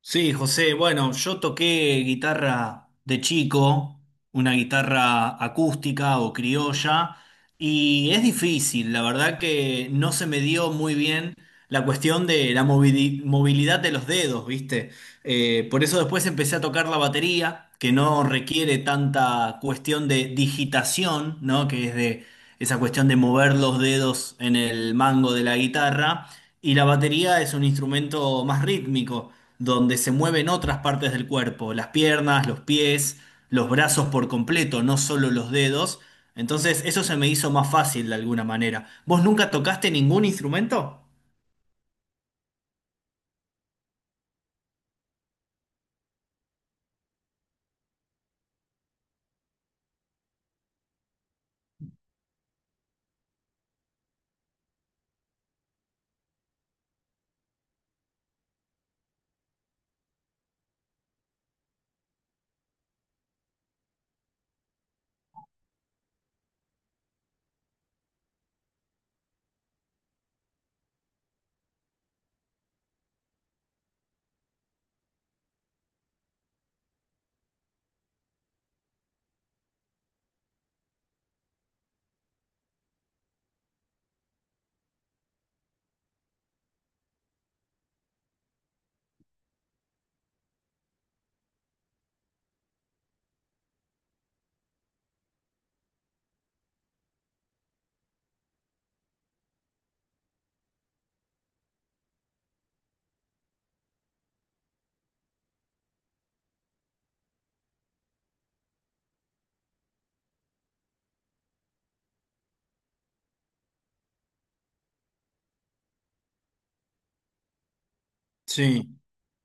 Sí, José, bueno, yo toqué guitarra de chico, una guitarra acústica o criolla, y es difícil, la verdad que no se me dio muy bien la cuestión de la movilidad de los dedos, ¿viste? Por eso después empecé a tocar la batería, que no requiere tanta cuestión de digitación, ¿no? Que es de esa cuestión de mover los dedos en el mango de la guitarra, y la batería es un instrumento más rítmico donde se mueven otras partes del cuerpo, las piernas, los pies, los brazos por completo, no solo los dedos. Entonces eso se me hizo más fácil de alguna manera. ¿Vos nunca tocaste ningún instrumento? Sí.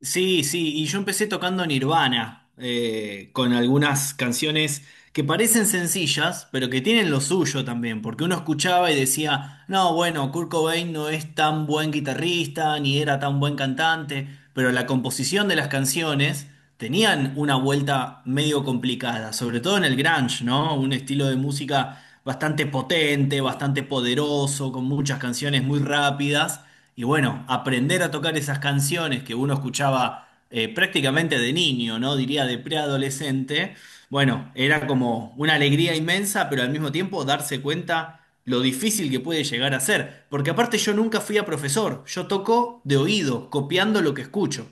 Sí, sí, y yo empecé tocando Nirvana, con algunas canciones que parecen sencillas, pero que tienen lo suyo también, porque uno escuchaba y decía, no, bueno, Kurt Cobain no es tan buen guitarrista, ni era tan buen cantante, pero la composición de las canciones tenían una vuelta medio complicada, sobre todo en el grunge, ¿no? Un estilo de música bastante potente, bastante poderoso, con muchas canciones muy rápidas y bueno, aprender a tocar esas canciones que uno escuchaba prácticamente de niño, ¿no? Diría de preadolescente. Bueno, era como una alegría inmensa, pero al mismo tiempo darse cuenta lo difícil que puede llegar a ser. Porque aparte yo nunca fui a profesor, yo toco de oído, copiando lo que escucho.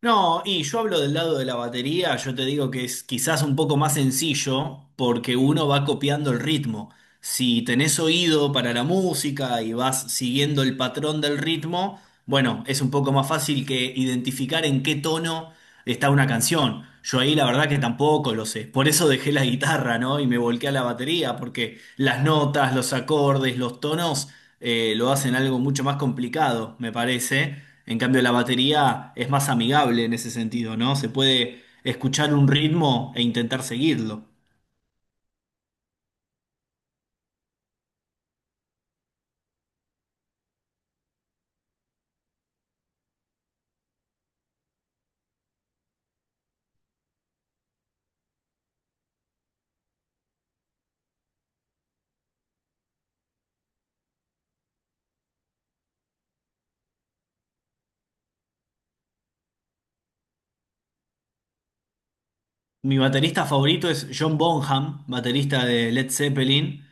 No, y yo hablo del lado de la batería, yo te digo que es quizás un poco más sencillo porque uno va copiando el ritmo. Si tenés oído para la música y vas siguiendo el patrón del ritmo, bueno, es un poco más fácil que identificar en qué tono está una canción. Yo ahí la verdad que tampoco lo sé. Por eso dejé la guitarra, ¿no? Y me volqué a la batería porque las notas, los acordes, los tonos lo hacen algo mucho más complicado, me parece. En cambio, la batería es más amigable en ese sentido, ¿no? Se puede escuchar un ritmo e intentar seguirlo. Mi baterista favorito es John Bonham, baterista de Led Zeppelin,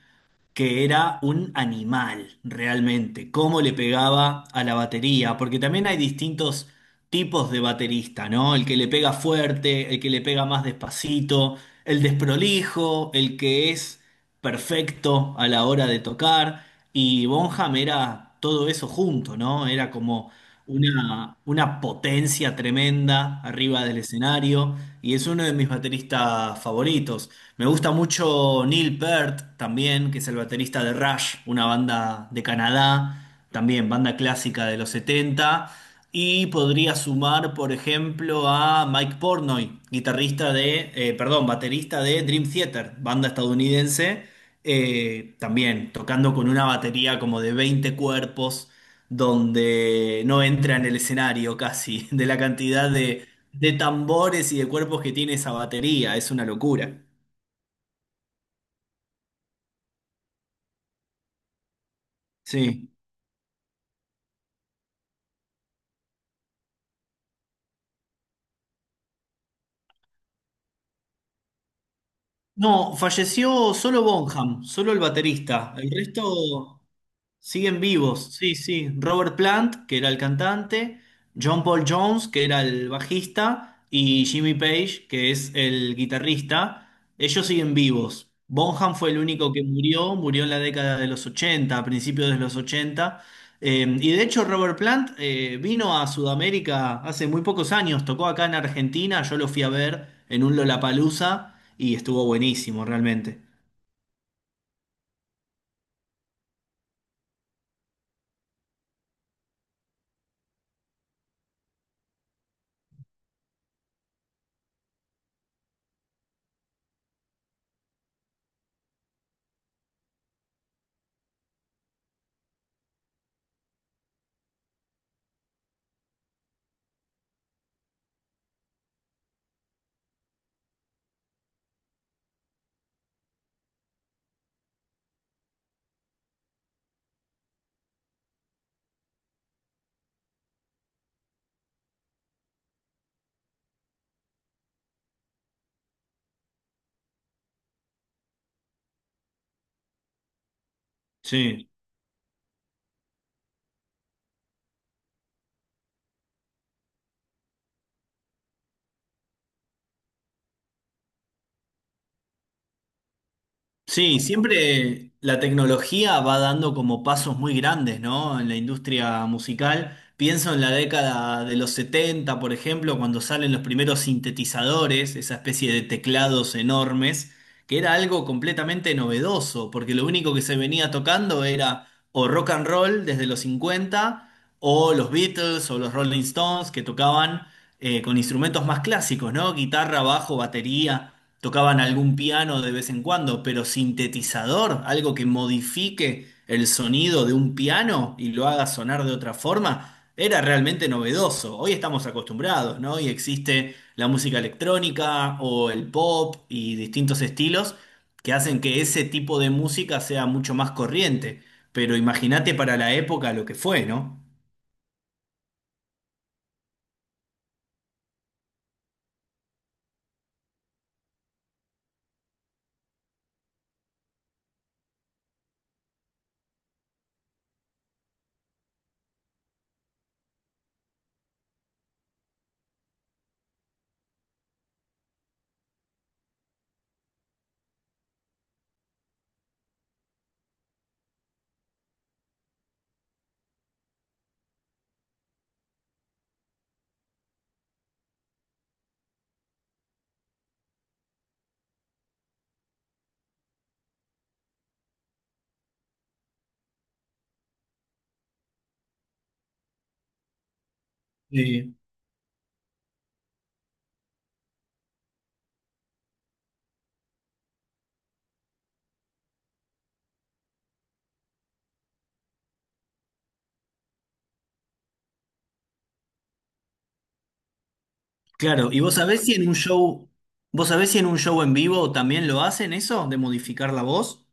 que era un animal realmente, cómo le pegaba a la batería, porque también hay distintos tipos de baterista, ¿no? El que le pega fuerte, el que le pega más despacito, el desprolijo, el que es perfecto a la hora de tocar, y Bonham era todo eso junto, ¿no? Era como una potencia tremenda arriba del escenario y es uno de mis bateristas favoritos. Me gusta mucho Neil Peart también, que es el baterista de Rush, una banda de Canadá, también banda clásica de los 70. Y podría sumar, por ejemplo, a Mike Portnoy, guitarrista de, perdón, baterista de Dream Theater, banda estadounidense, también tocando con una batería como de 20 cuerpos donde no entra en el escenario casi, de la cantidad de tambores y de cuerpos que tiene esa batería, es una locura. Sí. No, falleció solo Bonham, solo el baterista. El resto. Siguen vivos, sí, sí. Robert Plant, que era el cantante, John Paul Jones, que era el bajista, y Jimmy Page, que es el guitarrista. Ellos siguen vivos. Bonham fue el único que murió, murió en la década de los 80, a principios de los 80. Y de hecho Robert Plant vino a Sudamérica hace muy pocos años, tocó acá en Argentina, yo lo fui a ver en un Lollapalooza y estuvo buenísimo realmente. Sí. Sí, siempre la tecnología va dando como pasos muy grandes, ¿no? En la industria musical. Pienso en la década de los 70, por ejemplo, cuando salen los primeros sintetizadores, esa especie de teclados enormes, que era algo completamente novedoso, porque lo único que se venía tocando era o rock and roll desde los 50 o los Beatles o los Rolling Stones, que tocaban con instrumentos más clásicos, ¿no? Guitarra, bajo, batería. Tocaban algún piano de vez en cuando, pero sintetizador, algo que modifique el sonido de un piano y lo haga sonar de otra forma, era realmente novedoso. Hoy estamos acostumbrados, ¿no? Y existe la música electrónica o el pop y distintos estilos que hacen que ese tipo de música sea mucho más corriente. Pero imagínate para la época lo que fue, ¿no? Sí. Claro, ¿y vos sabés si en un show, vos sabés si en un show en vivo también lo hacen eso, de modificar la voz?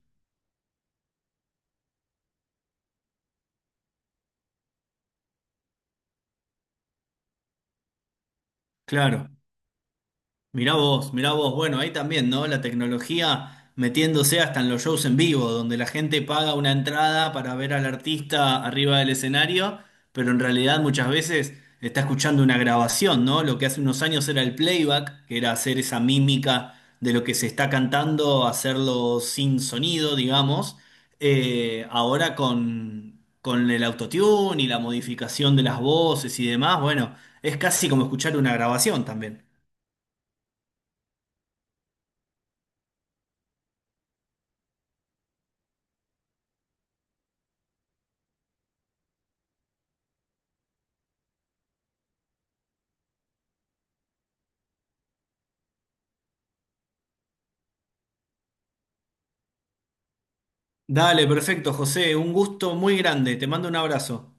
Claro, mirá vos, bueno, ahí también, ¿no? La tecnología metiéndose hasta en los shows en vivo, donde la gente paga una entrada para ver al artista arriba del escenario, pero en realidad muchas veces está escuchando una grabación, ¿no? Lo que hace unos años era el playback, que era hacer esa mímica de lo que se está cantando, hacerlo sin sonido, digamos. Ahora con el autotune y la modificación de las voces y demás, bueno, es casi como escuchar una grabación también. Dale, perfecto, José. Un gusto muy grande. Te mando un abrazo.